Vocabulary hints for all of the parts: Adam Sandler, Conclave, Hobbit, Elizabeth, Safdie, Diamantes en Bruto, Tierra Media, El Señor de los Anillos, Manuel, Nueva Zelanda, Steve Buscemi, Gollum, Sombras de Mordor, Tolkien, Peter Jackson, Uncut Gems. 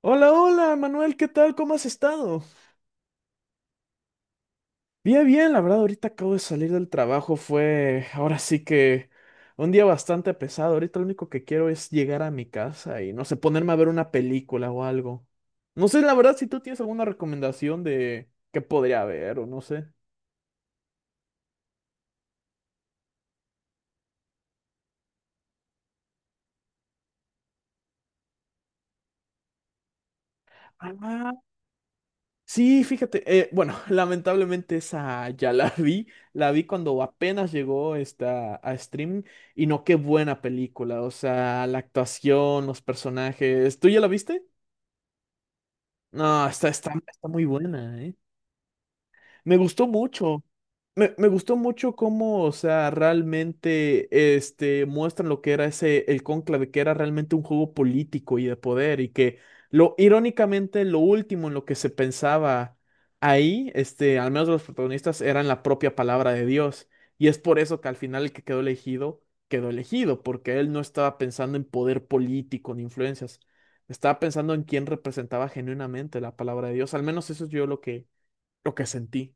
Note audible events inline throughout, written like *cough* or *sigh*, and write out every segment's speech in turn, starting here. Hola, hola, Manuel, ¿qué tal? ¿Cómo has estado? Bien, bien, la verdad, ahorita acabo de salir del trabajo, fue ahora sí que un día bastante pesado. Ahorita lo único que quiero es llegar a mi casa y no sé, ponerme a ver una película o algo. No sé, la verdad, si tú tienes alguna recomendación de qué podría ver o no sé. Ah, sí, fíjate, bueno, *laughs* lamentablemente esa ya la vi cuando apenas llegó esta, a stream y no, qué buena película, o sea, la actuación, los personajes, ¿tú ya la viste? No, está muy buena, ¿eh? Me gustó mucho. Me gustó mucho cómo, o sea, realmente muestran lo que era ese, el cónclave, que era realmente un juego político y de poder, y que irónicamente, lo último en lo que se pensaba ahí, al menos de los protagonistas, eran la propia palabra de Dios. Y es por eso que al final el que quedó elegido, porque él no estaba pensando en poder político ni influencias. Estaba pensando en quién representaba genuinamente la palabra de Dios. Al menos eso es yo lo que sentí.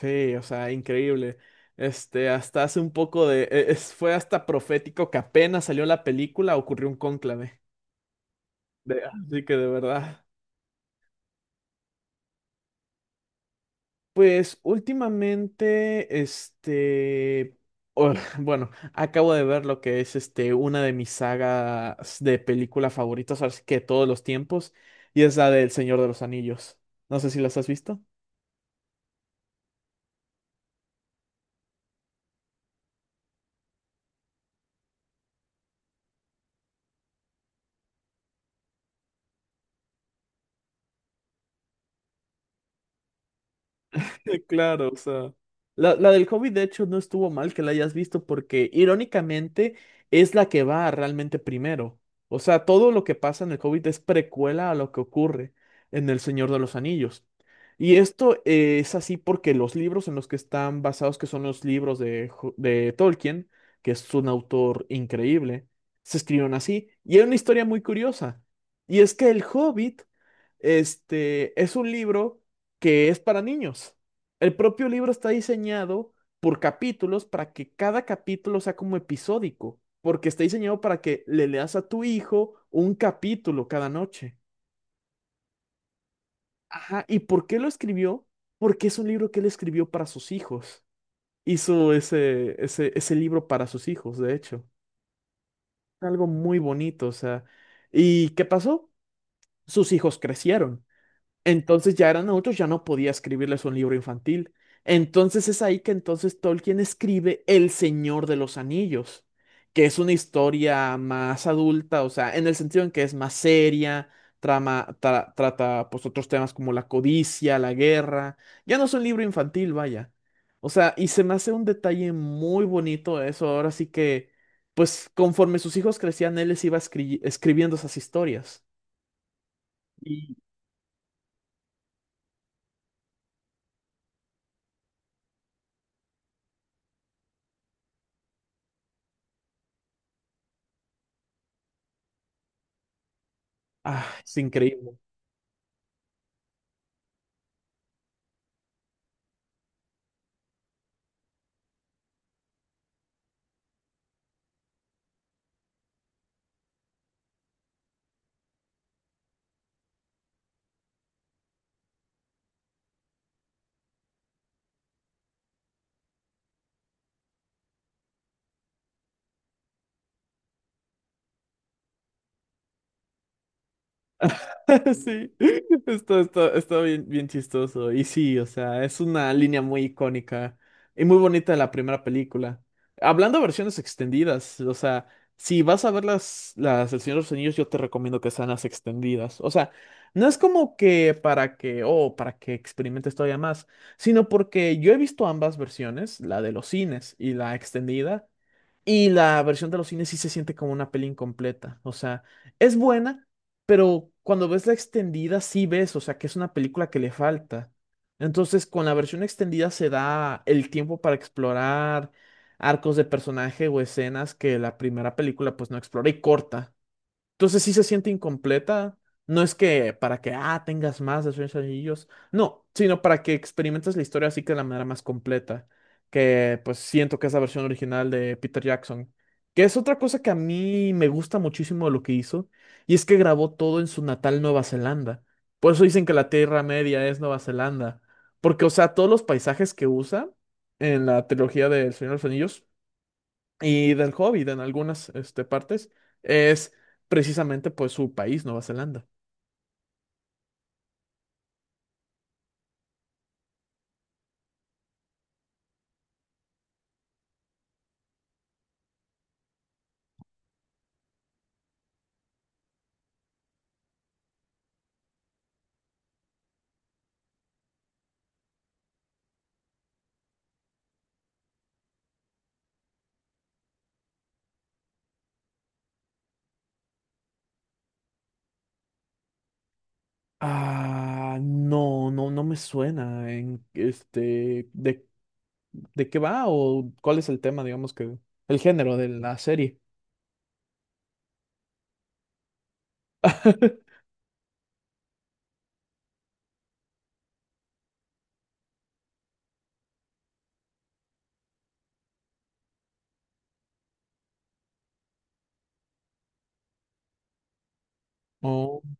Sí, o sea, increíble. Este, hasta hace un poco de... fue hasta profético que apenas salió la película, ocurrió un cónclave. Así que de verdad. Pues últimamente, este... o- *laughs* bueno, acabo de ver lo que es una de mis sagas de película favoritas, así que todos los tiempos, y es la del Señor de los Anillos. No sé si las has visto. *laughs* Claro, o sea. La del Hobbit, de hecho, no estuvo mal que la hayas visto porque, irónicamente, es la que va realmente primero. O sea, todo lo que pasa en el Hobbit es precuela a lo que ocurre en El Señor de los Anillos. Y esto es así porque los libros en los que están basados, que son los libros de, de Tolkien, que es un autor increíble, se escribieron así. Y hay una historia muy curiosa. Y es que el Hobbit es un libro que es para niños. El propio libro está diseñado por capítulos para que cada capítulo sea como episódico, porque está diseñado para que le leas a tu hijo un capítulo cada noche. Ajá, ¿y por qué lo escribió? Porque es un libro que él escribió para sus hijos. Hizo ese libro para sus hijos, de hecho. Algo muy bonito, o sea. ¿Y qué pasó? Sus hijos crecieron. Entonces ya eran adultos, ya no podía escribirles un libro infantil. Entonces es ahí que entonces Tolkien escribe El Señor de los Anillos, que es una historia más adulta, o sea, en el sentido en que es más seria, trata pues otros temas como la codicia, la guerra. Ya no es un libro infantil, vaya. O sea, y se me hace un detalle muy bonito eso. Ahora sí que, pues conforme sus hijos crecían, él les iba escribiendo esas historias. Y, ah, es increíble. *laughs* Sí, está bien, bien chistoso. Y sí, o sea, es una línea muy icónica y muy bonita de la primera película. Hablando de versiones extendidas, o sea, si vas a ver las El Señor de los Anillos, yo te recomiendo que sean las extendidas. O sea, no es como que para que, oh, para que experimentes todavía más, sino porque yo he visto ambas versiones, la de los cines y la extendida. Y la versión de los cines sí se siente como una peli incompleta. O sea, es buena, pero cuando ves la extendida sí ves, o sea, que es una película que le falta. Entonces, con la versión extendida se da el tiempo para explorar arcos de personaje o escenas que la primera película pues no explora y corta. Entonces sí se siente incompleta. No es que para que, ah, tengas más de Sueños Anillos. No, sino para que experimentes la historia así que de la manera más completa. Que pues siento que es la versión original de Peter Jackson. Que es otra cosa que a mí me gusta muchísimo de lo que hizo. Y es que grabó todo en su natal Nueva Zelanda. Por eso dicen que la Tierra Media es Nueva Zelanda. Porque, o sea, todos los paisajes que usa en la trilogía del Señor de los Anillos y del Hobbit en algunas partes, es precisamente pues su país, Nueva Zelanda. Ah, no, no, no me suena en este de qué va o cuál es el tema, digamos que el género de la serie. *laughs* Oh.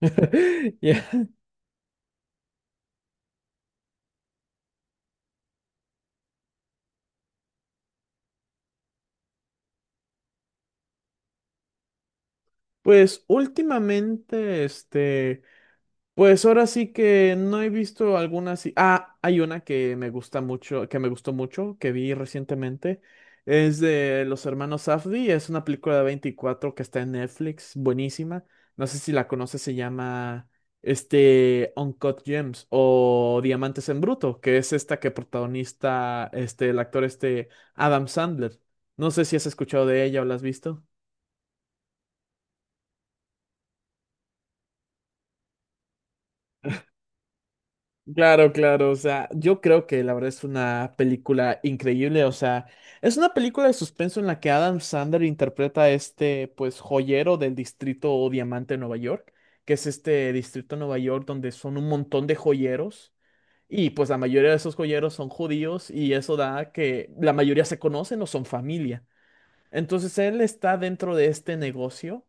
*laughs* Ya. Pues últimamente, este, pues ahora sí que no he visto alguna así. Ah, hay una que me gusta mucho, que me gustó mucho, que vi recientemente. Es de los hermanos Safdie. Es una película de 24 que está en Netflix, buenísima. No sé si la conoces, se llama Uncut Gems o Diamantes en Bruto, que es esta que protagonista el actor Adam Sandler. No sé si has escuchado de ella o la has visto. Claro, claro, o sea, yo creo que la verdad es una película increíble, o sea, es una película de suspenso en la que Adam Sandler interpreta a pues, joyero del distrito o diamante de Nueva York, que es este distrito de Nueva York donde son un montón de joyeros y pues la mayoría de esos joyeros son judíos y eso da que la mayoría se conocen o son familia. Entonces él está dentro de este negocio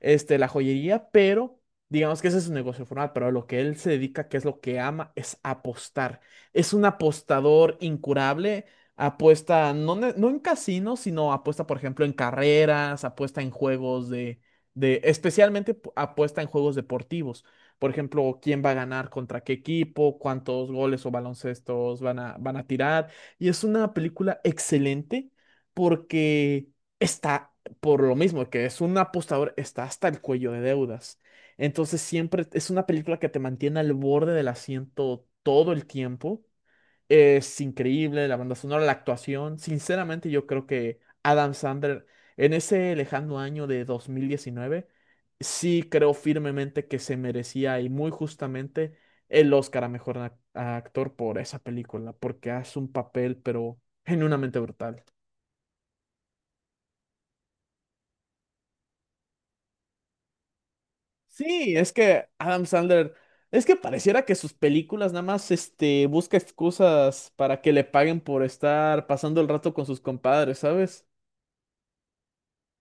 la joyería, pero digamos que ese es su negocio formal, pero a lo que él se dedica, que es lo que ama, es apostar. Es un apostador incurable, apuesta no, no en casinos, sino apuesta, por ejemplo, en carreras, apuesta en juegos especialmente apuesta en juegos deportivos. Por ejemplo, quién va a ganar contra qué equipo, cuántos goles o baloncestos van a tirar. Y es una película excelente porque está por lo mismo que es un apostador, está hasta el cuello de deudas. Entonces siempre es una película que te mantiene al borde del asiento todo el tiempo. Es increíble la banda sonora, la actuación. Sinceramente, yo creo que Adam Sandler, en ese lejano año de 2019 sí creo firmemente que se merecía y muy justamente el Oscar a mejor a actor por esa película, porque hace un papel, pero genuinamente brutal. Sí, es que Adam Sandler, es que pareciera que sus películas nada más busca excusas para que le paguen por estar pasando el rato con sus compadres, ¿sabes?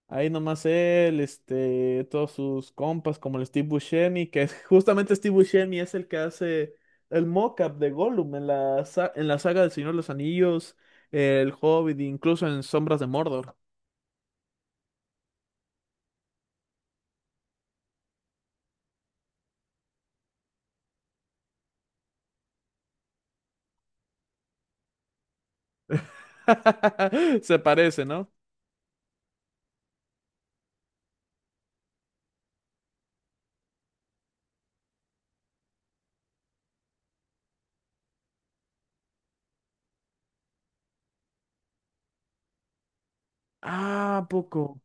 Ahí nomás él, todos sus compas como el Steve Buscemi, justamente Steve Buscemi es el que hace el mock-up de Gollum en en la saga del Señor de los Anillos, El Hobbit, incluso en Sombras de Mordor. *laughs* Se parece, ¿no? Ah, ¿a poco?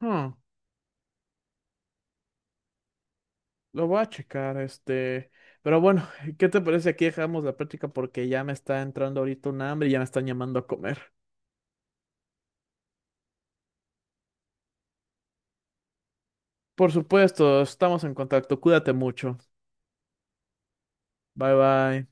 Ujú. Lo voy a checar, este. Pero bueno, *laughs* ¿qué te parece? Aquí dejamos la práctica porque ya me está entrando ahorita un hambre y ya me están llamando a comer. Por supuesto, estamos en contacto. Cuídate mucho. Bye bye.